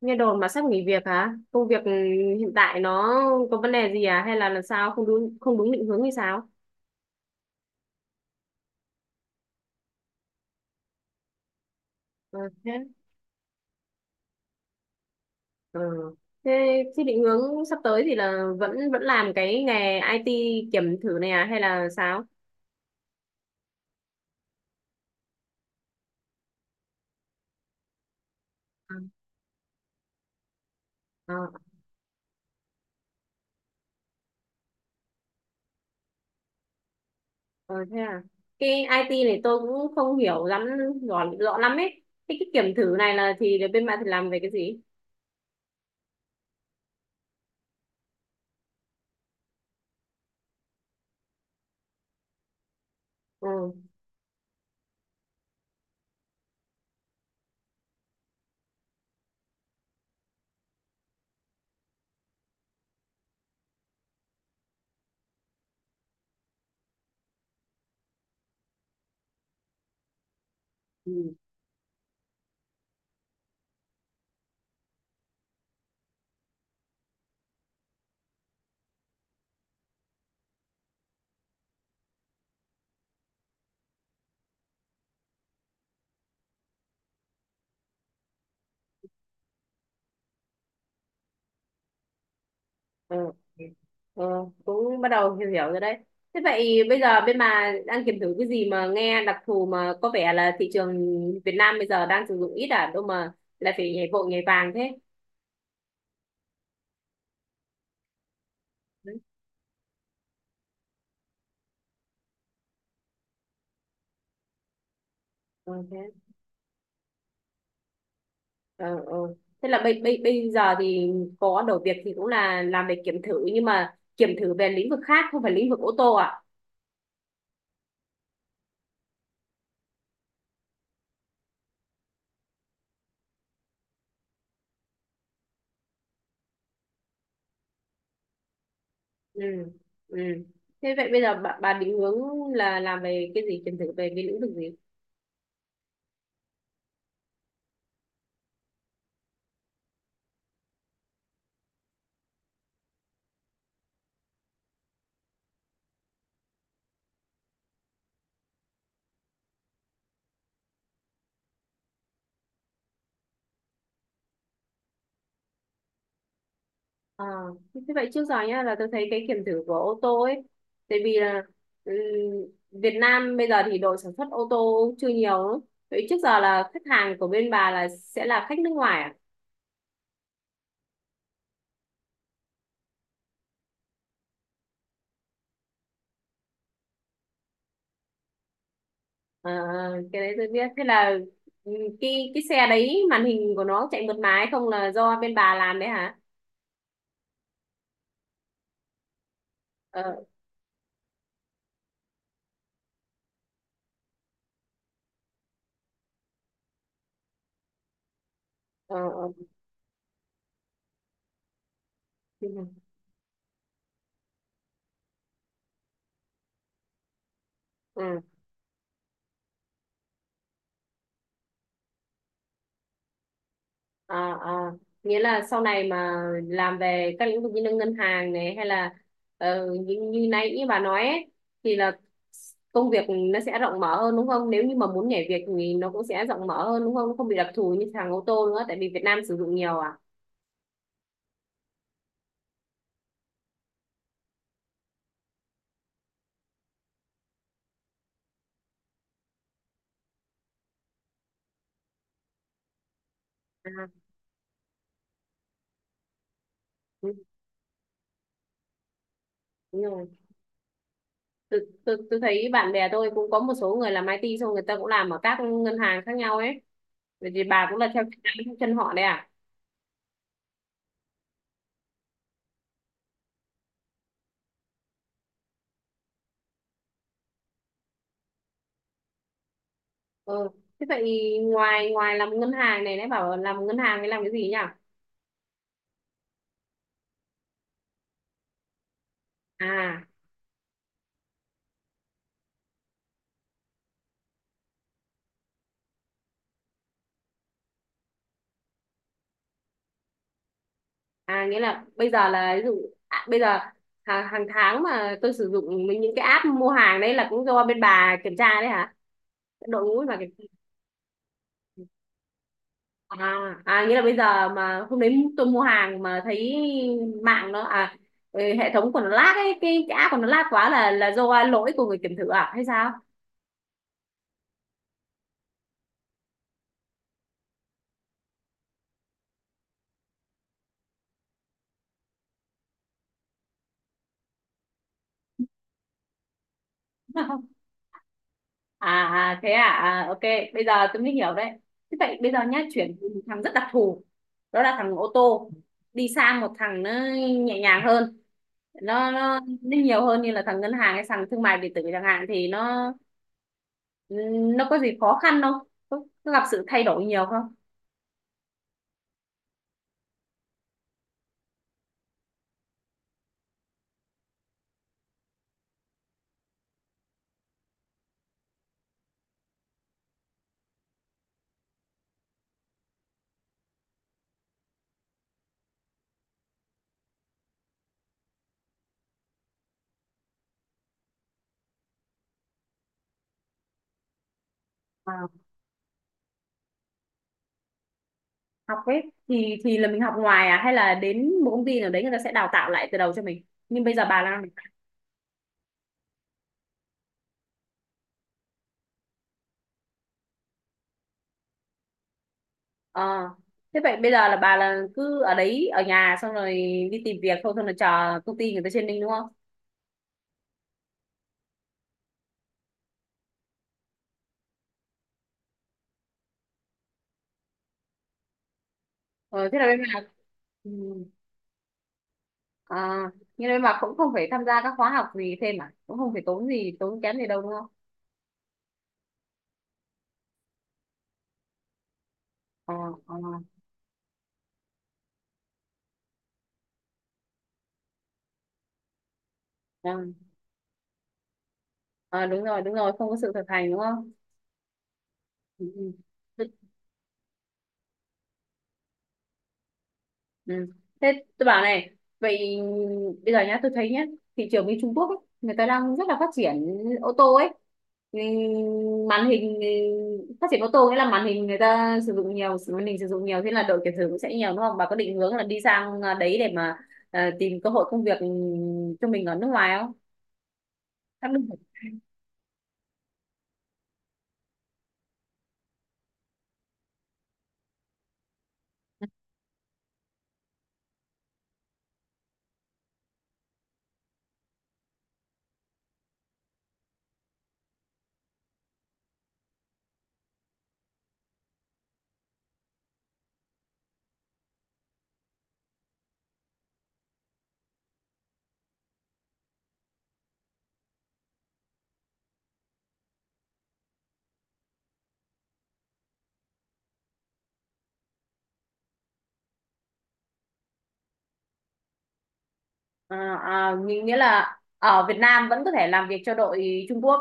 Nghe đồn mà sắp nghỉ việc hả? Công việc hiện tại nó có vấn đề gì à? Hay là làm sao không đúng định hướng hay sao? Ừ. Thế, ừ. Thế, thế định hướng sắp tới thì là vẫn vẫn làm cái nghề IT kiểm thử này à? Hay là sao? À, à, ờ, thế à? Cái IT này tôi cũng không hiểu lắm rõ lắm ấy. Thế cái kiểm thử này là thì bên bạn thì làm về cái gì? Ừ. ừ. Ừ, cũng bắt đầu hiểu hiểu rồi đấy. Thế vậy bây giờ bên bà đang kiểm thử cái gì mà nghe đặc thù mà có vẻ là thị trường Việt Nam bây giờ đang sử dụng ít à, đâu mà lại phải nhảy vội nhảy vàng thế. Đấy. Ừ, thế. Ừ, ừ. Thế là bây giờ thì có đầu việc thì cũng là làm về kiểm thử nhưng mà kiểm thử về lĩnh vực khác không phải lĩnh vực ô tô à? Ừ. Ừ. Thế vậy bây giờ bà định hướng là làm về cái gì kiểm thử về cái lĩnh vực gì? À, thế vậy trước giờ nhá là tôi thấy cái kiểm thử của ô tô ấy tại vì là ừm, Việt Nam bây giờ thì đội sản xuất ô tô chưa nhiều lắm. Vậy trước giờ là khách hàng của bên bà là sẽ là khách nước ngoài à? À, cái đấy tôi biết thế là ừm, cái xe đấy màn hình của nó chạy mượt mà hay không là do bên bà làm đấy hả? Ờ, ờ, ờ. Ừ. à, à. Nghĩa là sau này mà làm về các lĩnh vực như là ngân hàng này hay là như nãy như bà nói ấy, thì là công việc nó sẽ rộng mở hơn đúng không, nếu như mà muốn nhảy việc thì nó cũng sẽ rộng mở hơn đúng không? Nó không bị đặc thù như thằng ô tô nữa tại vì Việt Nam sử dụng nhiều à? À, ừ, đúng rồi. Tôi, tôi thấy bạn bè tôi cũng có một số người làm IT xong người ta cũng làm ở các ngân hàng khác nhau ấy. Vậy thì bà cũng là theo theo chân họ đấy à? Ừ. Thế vậy ngoài ngoài làm ngân hàng này nãy bảo làm ngân hàng thì làm cái gì nhỉ? À, à, nghĩa là bây giờ là ví dụ à, bây giờ hàng tháng mà tôi sử dụng mấy những cái app mua hàng đấy là cũng do bên bà kiểm tra đấy hả, đội ngũ bà kiểm tra? À, à nghĩa là bây giờ mà hôm đấy tôi mua hàng mà thấy mạng nó à, ừ, hệ thống của nó lag ấy, cái app của nó lag quá là do lỗi của người kiểm thử à hay sao? À à, thế à, à ok, bây giờ tôi mới hiểu đấy. Thế vậy bây giờ nhá, chuyển từ một thằng rất đặc thù đó là thằng ô tô đi sang một thằng nó nhẹ nhàng hơn, nó nhiều hơn như là thằng ngân hàng hay thằng thương mại điện tử chẳng hạn thì nó có gì khó khăn không, có gặp sự thay đổi nhiều không? À, học ấy thì là mình học ngoài à hay là đến một công ty nào đấy người ta sẽ đào tạo lại từ đầu cho mình, nhưng bây giờ bà đang Ờ. Thế vậy bây giờ là bà là cứ ở đấy ở nhà xong rồi đi tìm việc thôi xong rồi chờ công ty người ta trên mình đúng không? Ờ, thế là bên bà ừ. À, nhưng bên bà cũng không phải tham gia các khóa học gì thêm à? Cũng không phải tốn gì tốn kém gì đâu đúng không? Ờ, ờ, vâng. Ờ, đúng rồi không có sự thực hành đúng không? Ừ. ừ. Ừ. Thế tôi bảo này, vậy bây giờ nhá, tôi thấy nhá, thị trường bên Trung Quốc ấy, người ta đang rất là phát triển ô tô ấy. Ừ, Màn hình ừ, phát triển ô tô nghĩa là màn hình người ta sử dụng nhiều, màn hình sử dụng nhiều thế là độ kiểm thử cũng sẽ nhiều đúng không? Bà có định hướng là đi sang à, đấy để mà tìm cơ hội công việc ừ, cho mình ở nước ngoài không? Em đừng- À, à, nghĩa nghĩa là ở Việt Nam vẫn có thể làm việc cho đội Trung Quốc?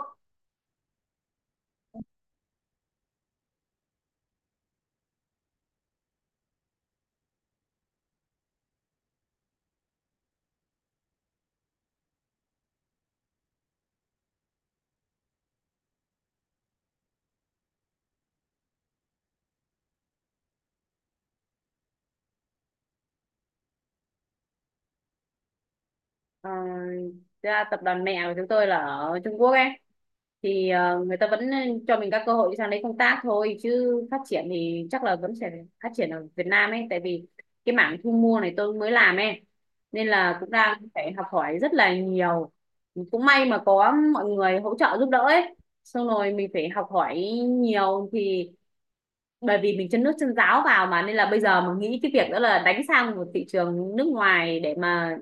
Ờ, thực ra tập đoàn mẹ của chúng tôi là ở Trung Quốc ấy, thì người ta vẫn cho mình các cơ hội sang đấy công tác thôi chứ phát triển thì chắc là vẫn sẽ phát triển ở Việt Nam ấy, tại vì cái mảng thu mua này tôi mới làm ấy nên là cũng đang phải học hỏi rất là nhiều, cũng may mà có mọi người hỗ trợ giúp đỡ ấy, xong rồi mình phải học hỏi nhiều thì bởi vì mình chân nước chân ráo vào mà, nên là bây giờ mình nghĩ cái việc đó là đánh sang một thị trường nước ngoài để mà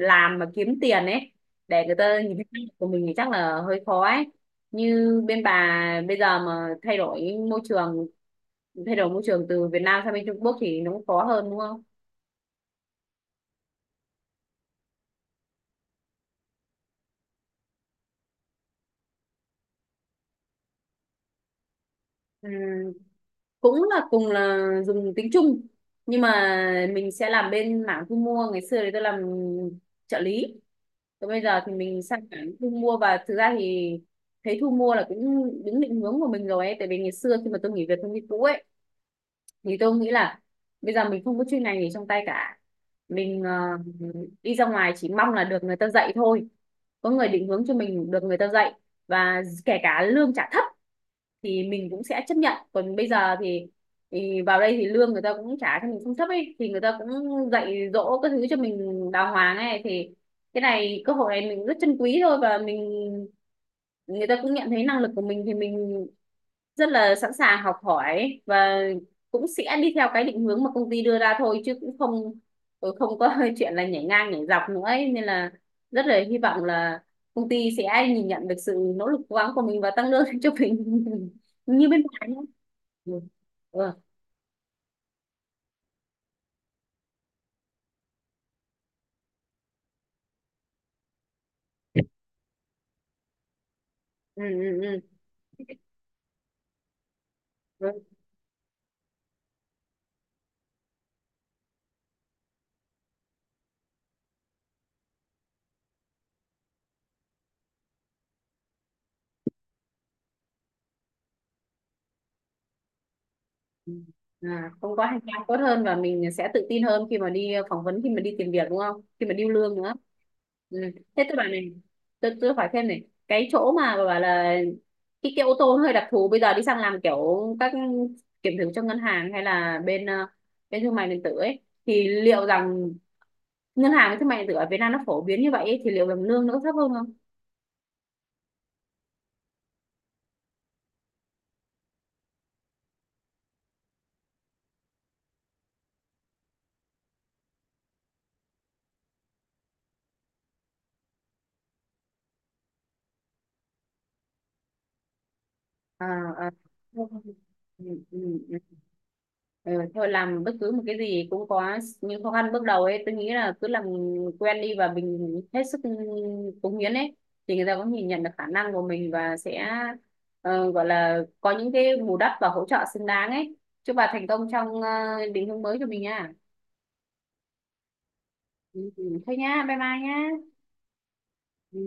làm mà kiếm tiền ấy, để người ta nhìn thấy năng lực của mình thì chắc là hơi khó ấy, như bên bà bây giờ mà thay đổi môi trường, từ Việt Nam sang bên Trung Quốc thì nó cũng khó hơn đúng không? Ừ, cũng là cùng là dùng tính chung nhưng mà mình sẽ làm bên mảng thu mua, ngày xưa thì tôi làm trợ lý còn bây giờ thì mình sang mảng thu mua, và thực ra thì thấy thu mua là cũng đúng định hướng của mình rồi ấy, tại vì ngày xưa khi mà tôi nghỉ việc công ty cũ ấy thì tôi nghĩ là bây giờ mình không có chuyên ngành gì trong tay cả, mình đi ra ngoài chỉ mong là được người ta dạy thôi, có người định hướng cho mình, được người ta dạy và kể cả lương trả thấp thì mình cũng sẽ chấp nhận, còn bây giờ thì vào đây thì lương người ta cũng trả cho mình không thấp ấy, thì người ta cũng dạy dỗ các thứ cho mình đàng hoàng ấy, thì cái này cơ hội này mình rất trân quý thôi, và mình người ta cũng nhận thấy năng lực của mình thì mình rất là sẵn sàng học hỏi và cũng sẽ đi theo cái định hướng mà công ty đưa ra thôi, chứ cũng không không có chuyện là nhảy ngang nhảy dọc nữa ấy. Nên là rất là hy vọng là công ty sẽ nhìn nhận được sự nỗ lực cố gắng của mình và tăng lương cho mình như bên ngoài nhé. Ừ. Ừ. Ừ. Ừ. ừ. Ừ. À, không có, hành trang tốt hơn và mình sẽ tự tin hơn khi mà đi phỏng vấn, khi mà đi tìm việc đúng không, khi mà điêu lương nữa. Ừ. Thế tôi bảo này, tôi hỏi thêm này, cái chỗ mà bà bảo là cái ô tô nó hơi đặc thù, bây giờ đi sang làm kiểu các kiểm thử cho ngân hàng hay là bên thương mại điện tử ấy, thì liệu rằng ngân hàng với thương mại điện tử ở Việt Nam nó phổ biến như vậy ấy, thì liệu rằng lương nó có thấp hơn không? À, à. Ừ, ừ, ừ. Ừ, Ờ, thôi làm bất cứ một cái gì cũng có những khó khăn bước đầu ấy, tôi nghĩ là cứ làm quen đi và mình hết sức cống hiến ấy, thì người ta cũng nhìn nhận được khả năng của mình và sẽ gọi là có những cái bù đắp và hỗ trợ xứng đáng ấy. Chúc bà thành công trong định hướng mới cho mình nha. Ừ, ừ, thôi nha bye bye nha. Ừ.